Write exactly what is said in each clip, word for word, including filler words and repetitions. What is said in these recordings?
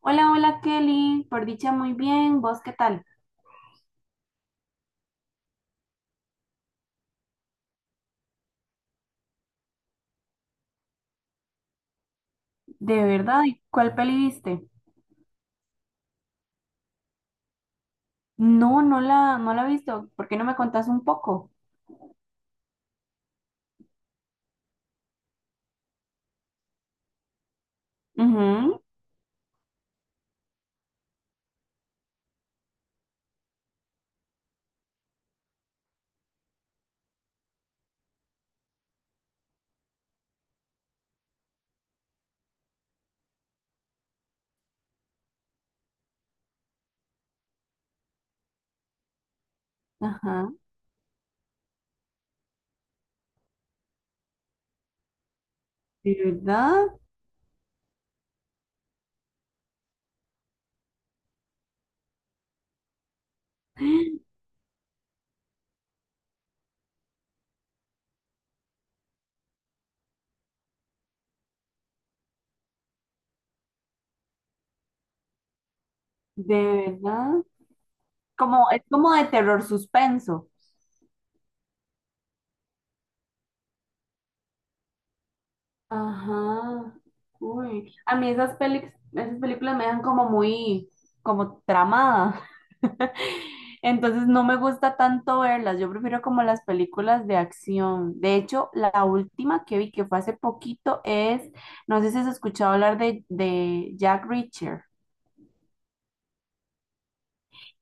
Hola, hola Kelly, por dicha muy bien, ¿vos qué tal? De verdad, ¿y cuál peli viste? No, no la, no la he visto, ¿por qué no me contás un poco? Ujú, Ajá, ¿de verdad? ¿De verdad? Como, es como de terror suspenso. Ajá. Uy. A mí esas pelis, esas películas me dejan como muy, como tramada. Entonces no me gusta tanto verlas. Yo prefiero como las películas de acción. De hecho, la última que vi que fue hace poquito es, no sé si has escuchado hablar de, de Jack Reacher.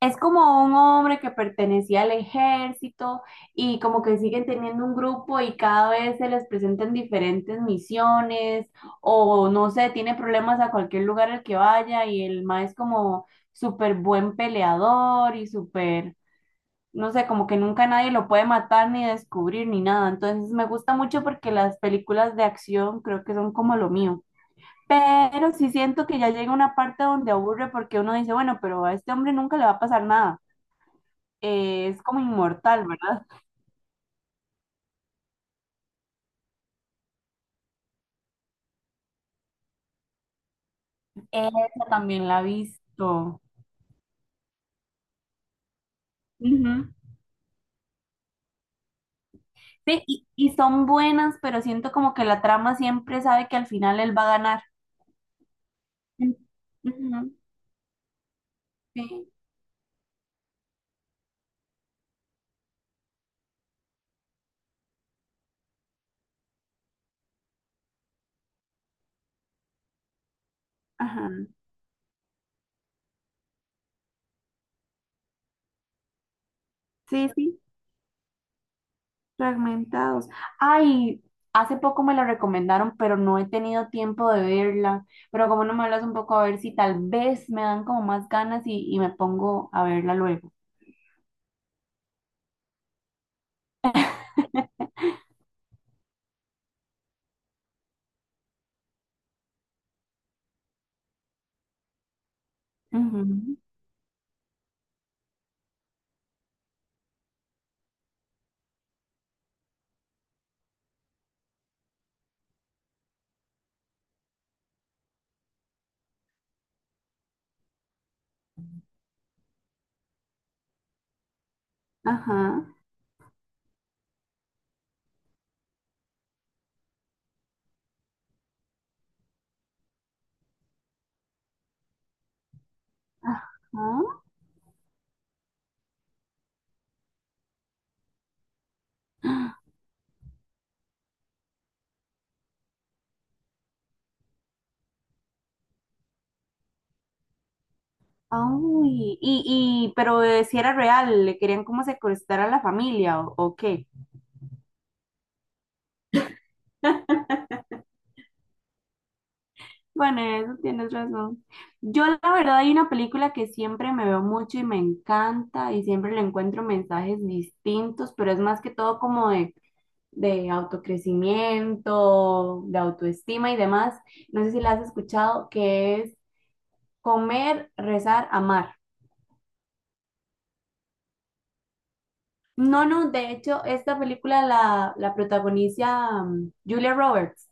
Es como un hombre que pertenecía al ejército y como que siguen teniendo un grupo y cada vez se les presentan diferentes misiones o no sé, tiene problemas a cualquier lugar al que vaya y el ma es como súper buen peleador y súper, no sé, como que nunca nadie lo puede matar ni descubrir ni nada. Entonces me gusta mucho porque las películas de acción creo que son como lo mío. Pero sí siento que ya llega una parte donde aburre porque uno dice, bueno, pero a este hombre nunca le va a pasar nada, eh, es como inmortal, ¿verdad? Esa también la he visto. Ujú. Sí, y, y son buenas, pero siento como que la trama siempre sabe que al final él va a ganar. Mm, ujú, sí, ajá. Sí, sí, fragmentados. Ay, hace poco me la recomendaron, pero no he tenido tiempo de verla. Pero como no me hablas un poco, a ver si tal vez me dan como más ganas y, y me pongo a verla luego. Ujú, ajá, ajá. Ay, y, y, pero eh, si era real, le querían como secuestrar a la familia o, o qué. Bueno, en eso tienes razón. Yo la verdad hay una película que siempre me veo mucho y me encanta y siempre le encuentro mensajes distintos, pero es más que todo como de, de autocrecimiento, de autoestima y demás. No sé si la has escuchado, que es Comer, Rezar, Amar. No, no, de hecho, esta película la, la protagoniza mm, Julia Roberts.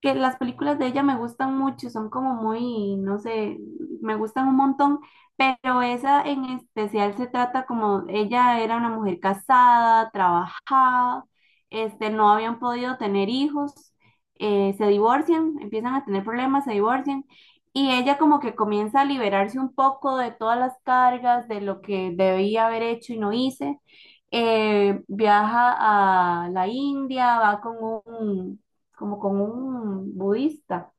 Que las películas de ella me gustan mucho, son como muy, no sé, me gustan un montón, pero esa en especial se trata como ella era una mujer casada, trabajada, este, no habían podido tener hijos, eh, se divorcian, empiezan a tener problemas, se divorcian. Y ella como que comienza a liberarse un poco de todas las cargas, de lo que debía haber hecho y no hice. Eh, viaja a la India, va con un, como con un budista.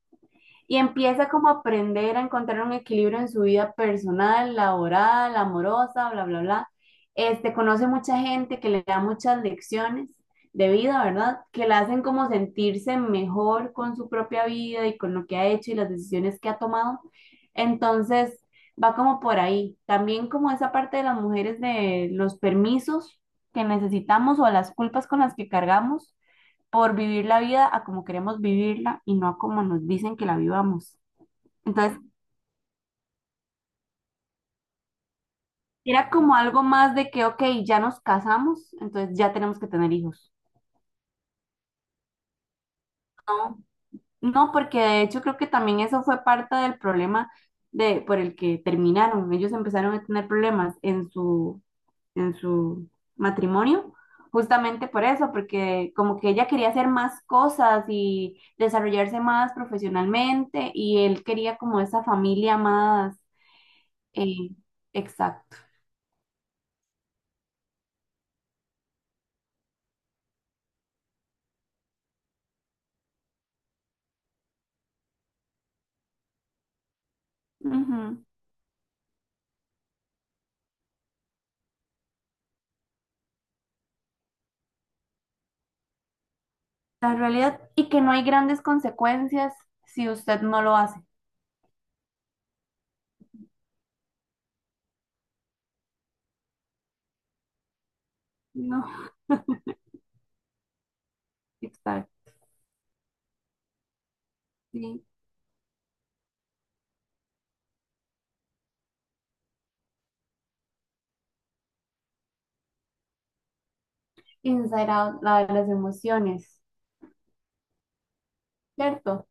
Y empieza como a aprender a encontrar un equilibrio en su vida personal, laboral, amorosa, bla, bla, bla. Este, conoce mucha gente que le da muchas lecciones de vida, ¿verdad? Que la hacen como sentirse mejor con su propia vida y con lo que ha hecho y las decisiones que ha tomado. Entonces, va como por ahí. También como esa parte de las mujeres de los permisos que necesitamos o las culpas con las que cargamos por vivir la vida a como queremos vivirla y no a como nos dicen que la vivamos. Entonces, era como algo más de que, ok, ya nos casamos, entonces ya tenemos que tener hijos. No, no, porque de hecho creo que también eso fue parte del problema de, por el que terminaron. Ellos empezaron a tener problemas en su, en su matrimonio. Justamente por eso, porque como que ella quería hacer más cosas y desarrollarse más profesionalmente y él quería como esa familia más, Eh, exacto. Ujú. La realidad, y que no hay grandes consecuencias si usted no lo hace. No, exacto. Sí. Inside Out, la de las emociones, ¿cierto?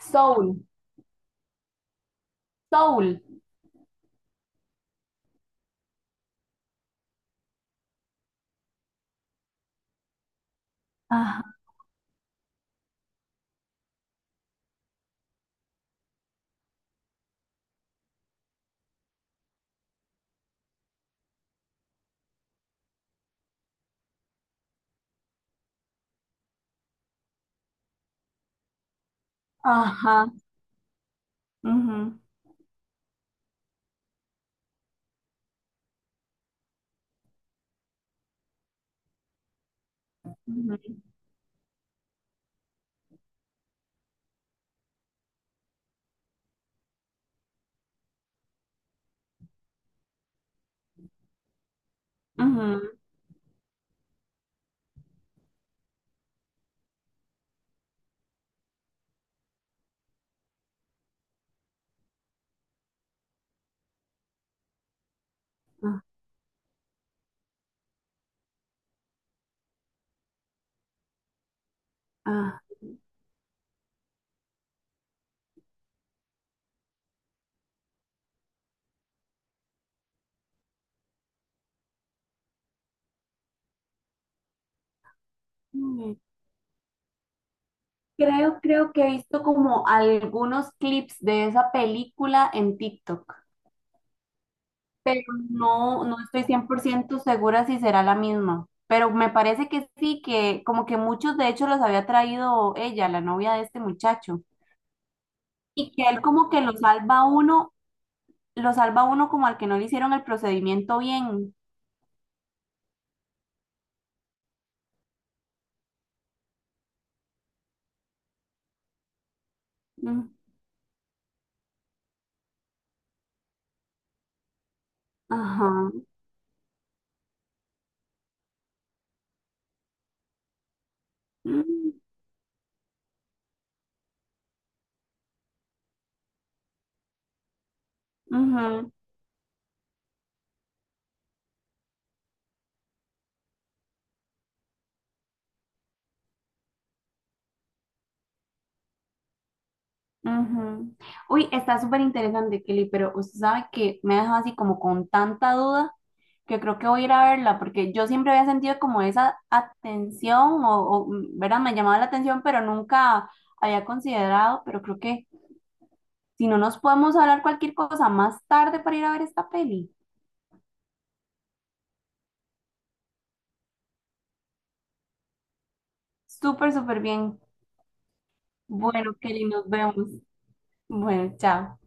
Soul, Soul. Ajá, ajá. Ujú, ujú, ujú, ah, ah. Mm. Creo, creo que he visto como algunos clips de esa película en TikTok. Pero no, no estoy cien por ciento segura si será la misma. Pero me parece que sí, que como que muchos de hecho los había traído ella, la novia de este muchacho. Y que él como que lo salva a uno, lo salva a uno como al que no le hicieron el procedimiento bien. Mm, ajá. Mm, ujú, ujú. Uy, está súper interesante, Kelly, pero usted sabe que me ha dejado así como con tanta duda que creo que voy a ir a verla, porque yo siempre había sentido como esa atención, o, o, mm, ¿verdad? Me llamaba la atención, pero nunca había considerado, pero creo que si no nos podemos hablar cualquier cosa más tarde para ir a ver esta peli. Súper, súper bien. Bueno, Kelly, nos vemos. Bueno, chao.